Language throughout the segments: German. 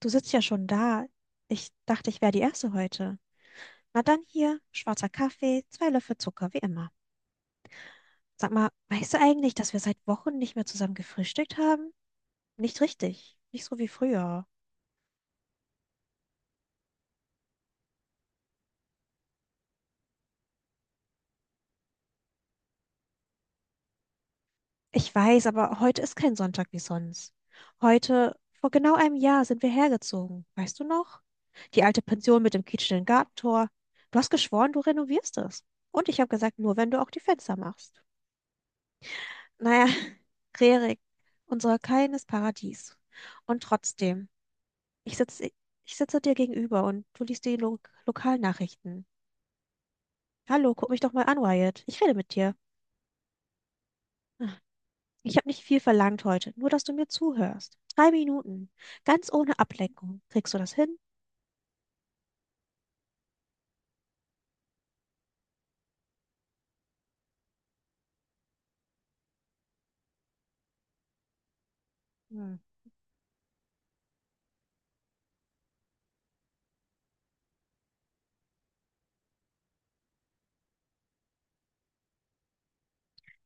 Du sitzt ja schon da. Ich dachte, ich wäre die Erste heute. Na dann hier, schwarzer Kaffee, zwei Löffel Zucker, wie immer. Sag mal, weißt du eigentlich, dass wir seit Wochen nicht mehr zusammen gefrühstückt haben? Nicht richtig. Nicht so wie früher. Ich weiß, aber heute ist kein Sonntag wie sonst. Heute, vor genau einem Jahr, sind wir hergezogen. Weißt du noch? Die alte Pension mit dem quietschenden Gartentor. Du hast geschworen, du renovierst es. Und ich habe gesagt, nur wenn du auch die Fenster machst. Naja, Rerik, unser kleines Paradies. Und trotzdem, ich sitze, ich sitze dir gegenüber und du liest die Lo Lokalnachrichten. Hallo, guck mich doch mal an, Wyatt. Ich rede mit dir. Ich habe nicht viel verlangt heute, nur dass du mir zuhörst. Drei Minuten, ganz ohne Ablenkung. Kriegst du das hin? Hm.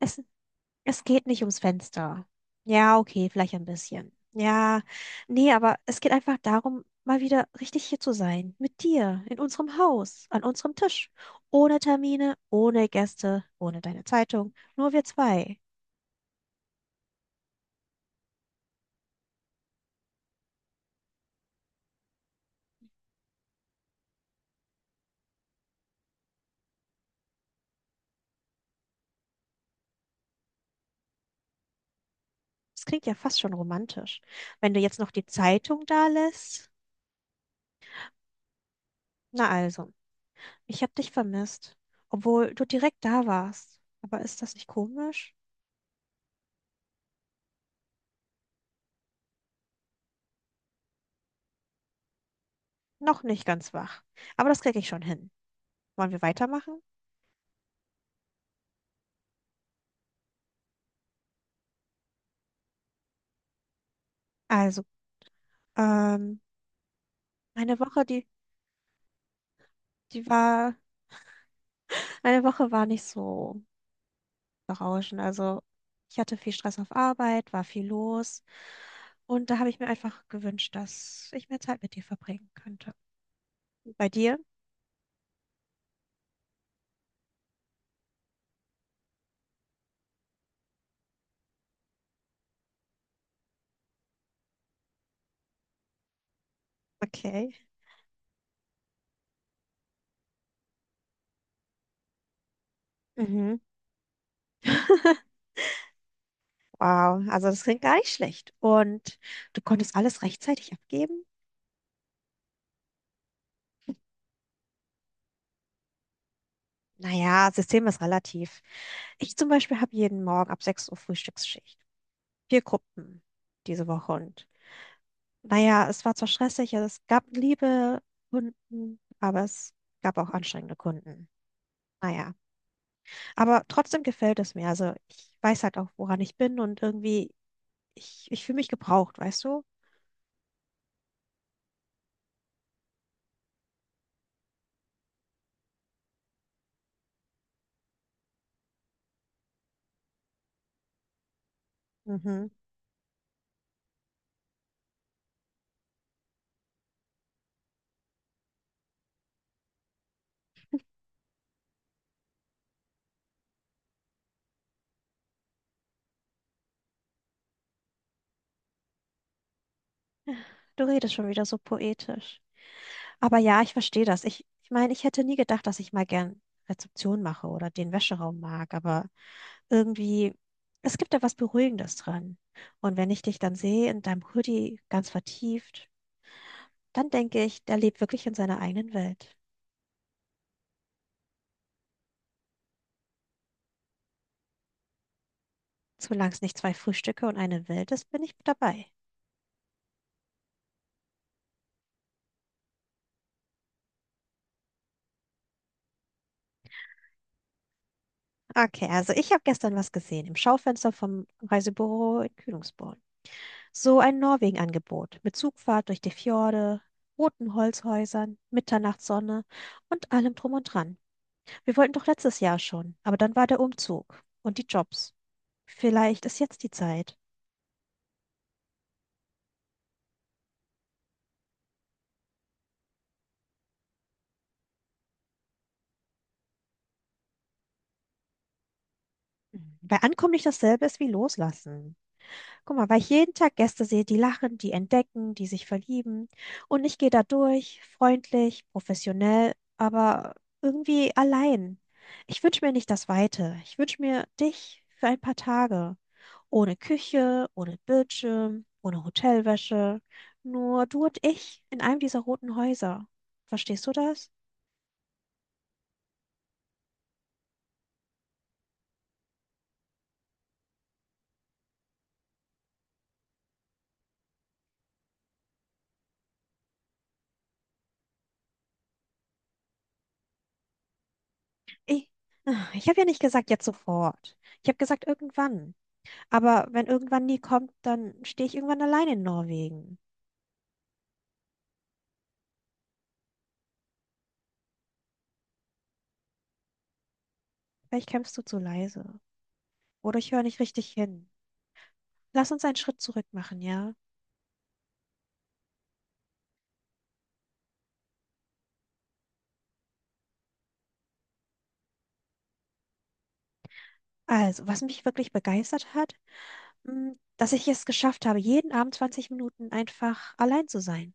Es, Es geht nicht ums Fenster. Ja, okay, vielleicht ein bisschen. Ja, nee, aber es geht einfach darum, mal wieder richtig hier zu sein. Mit dir, in unserem Haus, an unserem Tisch. Ohne Termine, ohne Gäste, ohne deine Zeitung. Nur wir zwei. Das klingt ja fast schon romantisch. Wenn du jetzt noch die Zeitung da lässt. Na also, ich hab dich vermisst, obwohl du direkt da warst. Aber ist das nicht komisch? Noch nicht ganz wach. Aber das krieg ich schon hin. Wollen wir weitermachen? Also, ähm. eine Woche, die war, eine Woche war nicht so berauschend. Also ich hatte viel Stress auf Arbeit, war viel los. Und da habe ich mir einfach gewünscht, dass ich mehr Zeit mit dir verbringen könnte. Bei dir? Okay. Mhm. Wow, also das klingt gar nicht schlecht. Und du konntest alles rechtzeitig abgeben? Naja, System ist relativ. Ich zum Beispiel habe jeden Morgen ab 6 Uhr Frühstücksschicht. Vier Gruppen diese Woche und naja, es war zwar stressig, also es gab liebe Kunden, aber es gab auch anstrengende Kunden. Naja, aber trotzdem gefällt es mir. Also ich weiß halt auch, woran ich bin und irgendwie, ich fühle mich gebraucht, weißt du? Mhm. Du redest schon wieder so poetisch. Aber ja, ich verstehe das. Ich meine, ich hätte nie gedacht, dass ich mal gern Rezeption mache oder den Wäscheraum mag, aber irgendwie, es gibt da was Beruhigendes dran. Und wenn ich dich dann sehe in deinem Hoodie ganz vertieft, dann denke ich, der lebt wirklich in seiner eigenen Welt. Solange es nicht zwei Frühstücke und eine Welt ist, bin ich dabei. Okay, also ich habe gestern was gesehen im Schaufenster vom Reisebüro in Kühlungsborn. So ein Norwegen-Angebot mit Zugfahrt durch die Fjorde, roten Holzhäusern, Mitternachtssonne und allem drum und dran. Wir wollten doch letztes Jahr schon, aber dann war der Umzug und die Jobs. Vielleicht ist jetzt die Zeit. Bei Ankommen nicht dasselbe ist wie Loslassen. Guck mal, weil ich jeden Tag Gäste sehe, die lachen, die entdecken, die sich verlieben. Und ich gehe da durch, freundlich, professionell, aber irgendwie allein. Ich wünsche mir nicht das Weite. Ich wünsche mir dich für ein paar Tage. Ohne Küche, ohne Bildschirm, ohne Hotelwäsche. Nur du und ich in einem dieser roten Häuser. Verstehst du das? Ich, ich habe ja nicht gesagt jetzt sofort. Ich habe gesagt irgendwann. Aber wenn irgendwann nie kommt, dann stehe ich irgendwann allein in Norwegen. Vielleicht kämpfst du zu leise. Oder ich höre nicht richtig hin. Lass uns einen Schritt zurück machen, ja? Also, was mich wirklich begeistert hat, dass ich es geschafft habe, jeden Abend 20 Minuten einfach allein zu sein.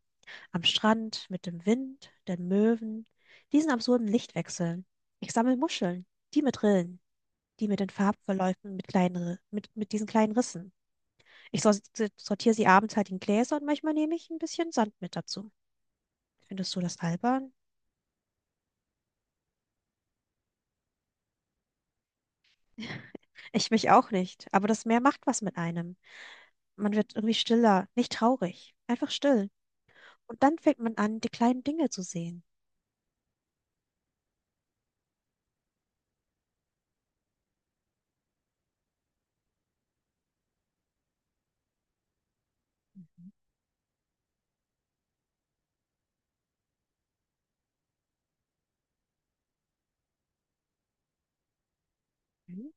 Am Strand, mit dem Wind, den Möwen, diesen absurden Lichtwechseln. Ich sammle Muscheln, die mit Rillen, die mit den Farbverläufen, mit diesen kleinen Rissen. Ich sor- sortiere sie abends halt in Gläser und manchmal nehme ich ein bisschen Sand mit dazu. Findest du das albern? Ich mich auch nicht, aber das Meer macht was mit einem. Man wird irgendwie stiller, nicht traurig, einfach still. Und dann fängt man an, die kleinen Dinge zu sehen. Mhm.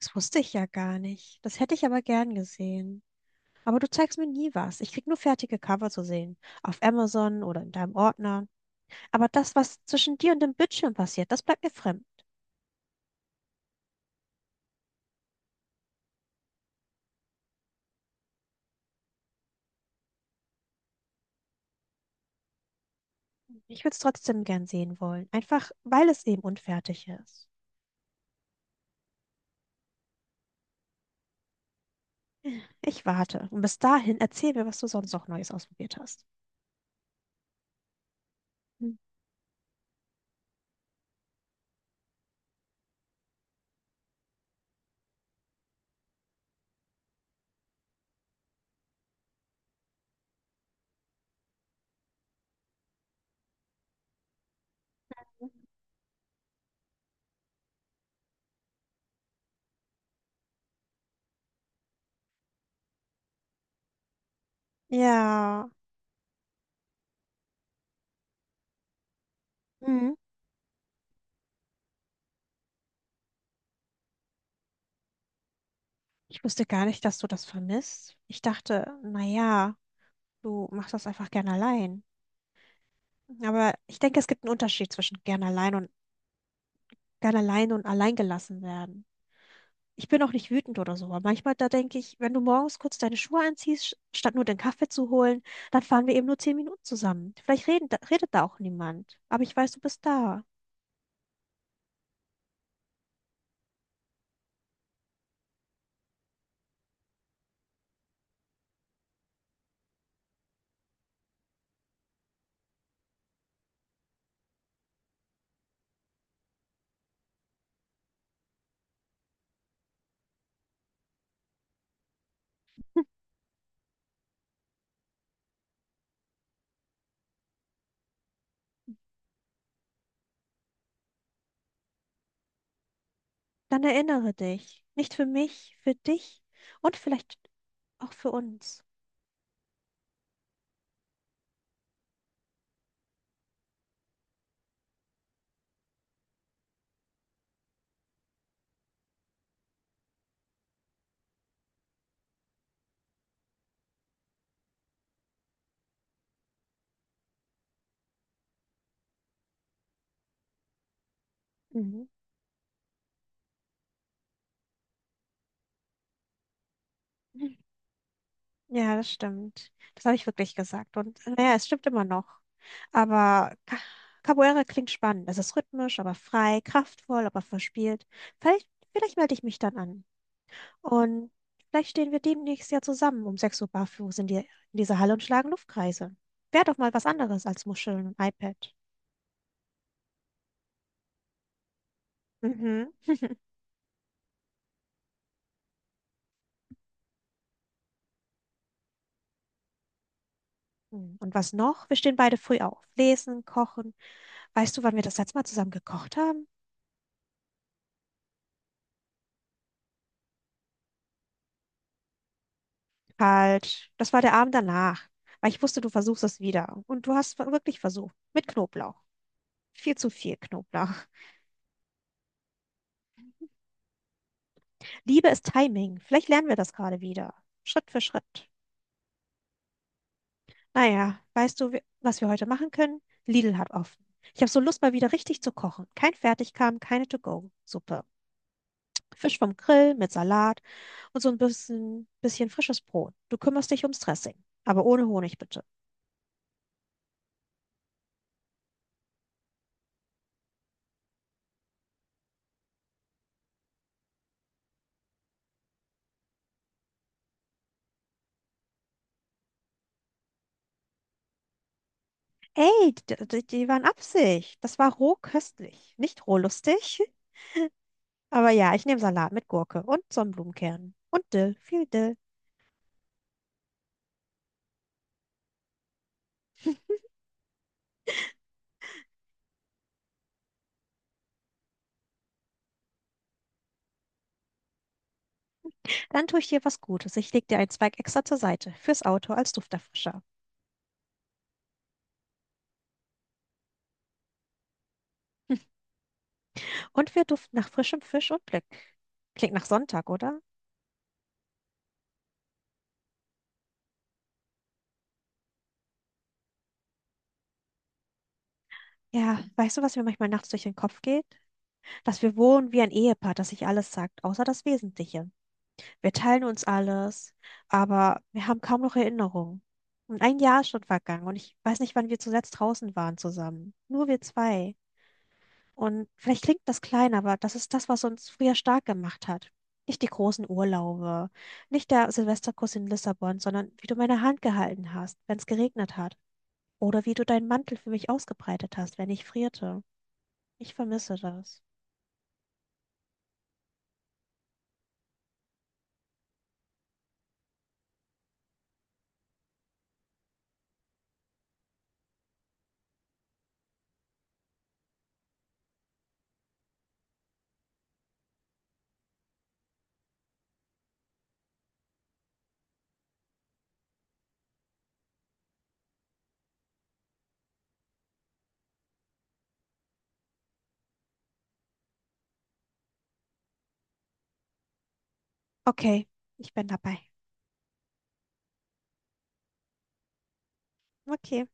Das wusste ich ja gar nicht. Das hätte ich aber gern gesehen. Aber du zeigst mir nie was. Ich krieg nur fertige Cover zu sehen. Auf Amazon oder in deinem Ordner. Aber das, was zwischen dir und dem Bildschirm passiert, das bleibt mir fremd. Ich würde es trotzdem gern sehen wollen. Einfach, weil es eben unfertig ist. Ich warte. Und bis dahin erzähl mir, was du sonst noch Neues ausprobiert hast. Mhm. Ja. Mhm. Ich wusste gar nicht, dass du das vermisst. Ich dachte, na ja, du machst das einfach gern allein. Aber ich denke, es gibt einen Unterschied zwischen gern allein und allein gelassen werden. Ich bin auch nicht wütend oder so, aber manchmal da denke ich, wenn du morgens kurz deine Schuhe anziehst, statt nur den Kaffee zu holen, dann fahren wir eben nur 10 Minuten zusammen. Vielleicht reden, redet da auch niemand, aber ich weiß, du bist da. Dann erinnere dich. Nicht für mich, für dich und vielleicht auch für uns. Mhm. Ja, das stimmt. Das habe ich wirklich gesagt. Und naja, es stimmt immer noch. Aber Capoeira klingt spannend. Es ist rhythmisch, aber frei, kraftvoll, aber verspielt. Vielleicht melde ich mich dann an. Und vielleicht stehen wir demnächst ja zusammen um 6 Uhr barfuß in dieser Halle und schlagen Luftkreise. Wäre doch mal was anderes als Muscheln und iPad. Mhm. Hm, und was noch? Wir stehen beide früh auf. Lesen, kochen. Weißt du, wann wir das letzte Mal zusammen gekocht haben? Falsch. Das war der Abend danach. Weil ich wusste, du versuchst es wieder. Und du hast wirklich versucht. Mit Knoblauch. Viel zu viel Knoblauch. Liebe ist Timing. Vielleicht lernen wir das gerade wieder. Schritt für Schritt. Naja, weißt du, was wir heute machen können? Lidl hat offen. Ich habe so Lust, mal wieder richtig zu kochen. Kein Fertigkram, keine To-Go-Suppe. Fisch vom Grill mit Salat und so ein bisschen frisches Brot. Du kümmerst dich ums Dressing. Aber ohne Honig bitte. Ey, die waren Absicht. Das war roh köstlich, nicht roh lustig. Aber ja, ich nehme Salat mit Gurke und Sonnenblumenkernen. Und Dill, viel Dill. Dann tue ich dir was Gutes. Ich leg dir einen Zweig extra zur Seite, fürs Auto als Dufterfrischer. Und wir duften nach frischem Fisch und Glück. Klingt nach Sonntag, oder? Ja, weißt du, was mir manchmal nachts durch den Kopf geht? Dass wir wohnen wie ein Ehepaar, das sich alles sagt, außer das Wesentliche. Wir teilen uns alles, aber wir haben kaum noch Erinnerungen. Und ein Jahr ist schon vergangen und ich weiß nicht, wann wir zuletzt draußen waren zusammen. Nur wir zwei. Und vielleicht klingt das klein, aber das ist das, was uns früher stark gemacht hat. Nicht die großen Urlaube, nicht der Silvesterkuss in Lissabon, sondern wie du meine Hand gehalten hast, wenn es geregnet hat. Oder wie du deinen Mantel für mich ausgebreitet hast, wenn ich frierte. Ich vermisse das. Okay, ich bin dabei. Okay.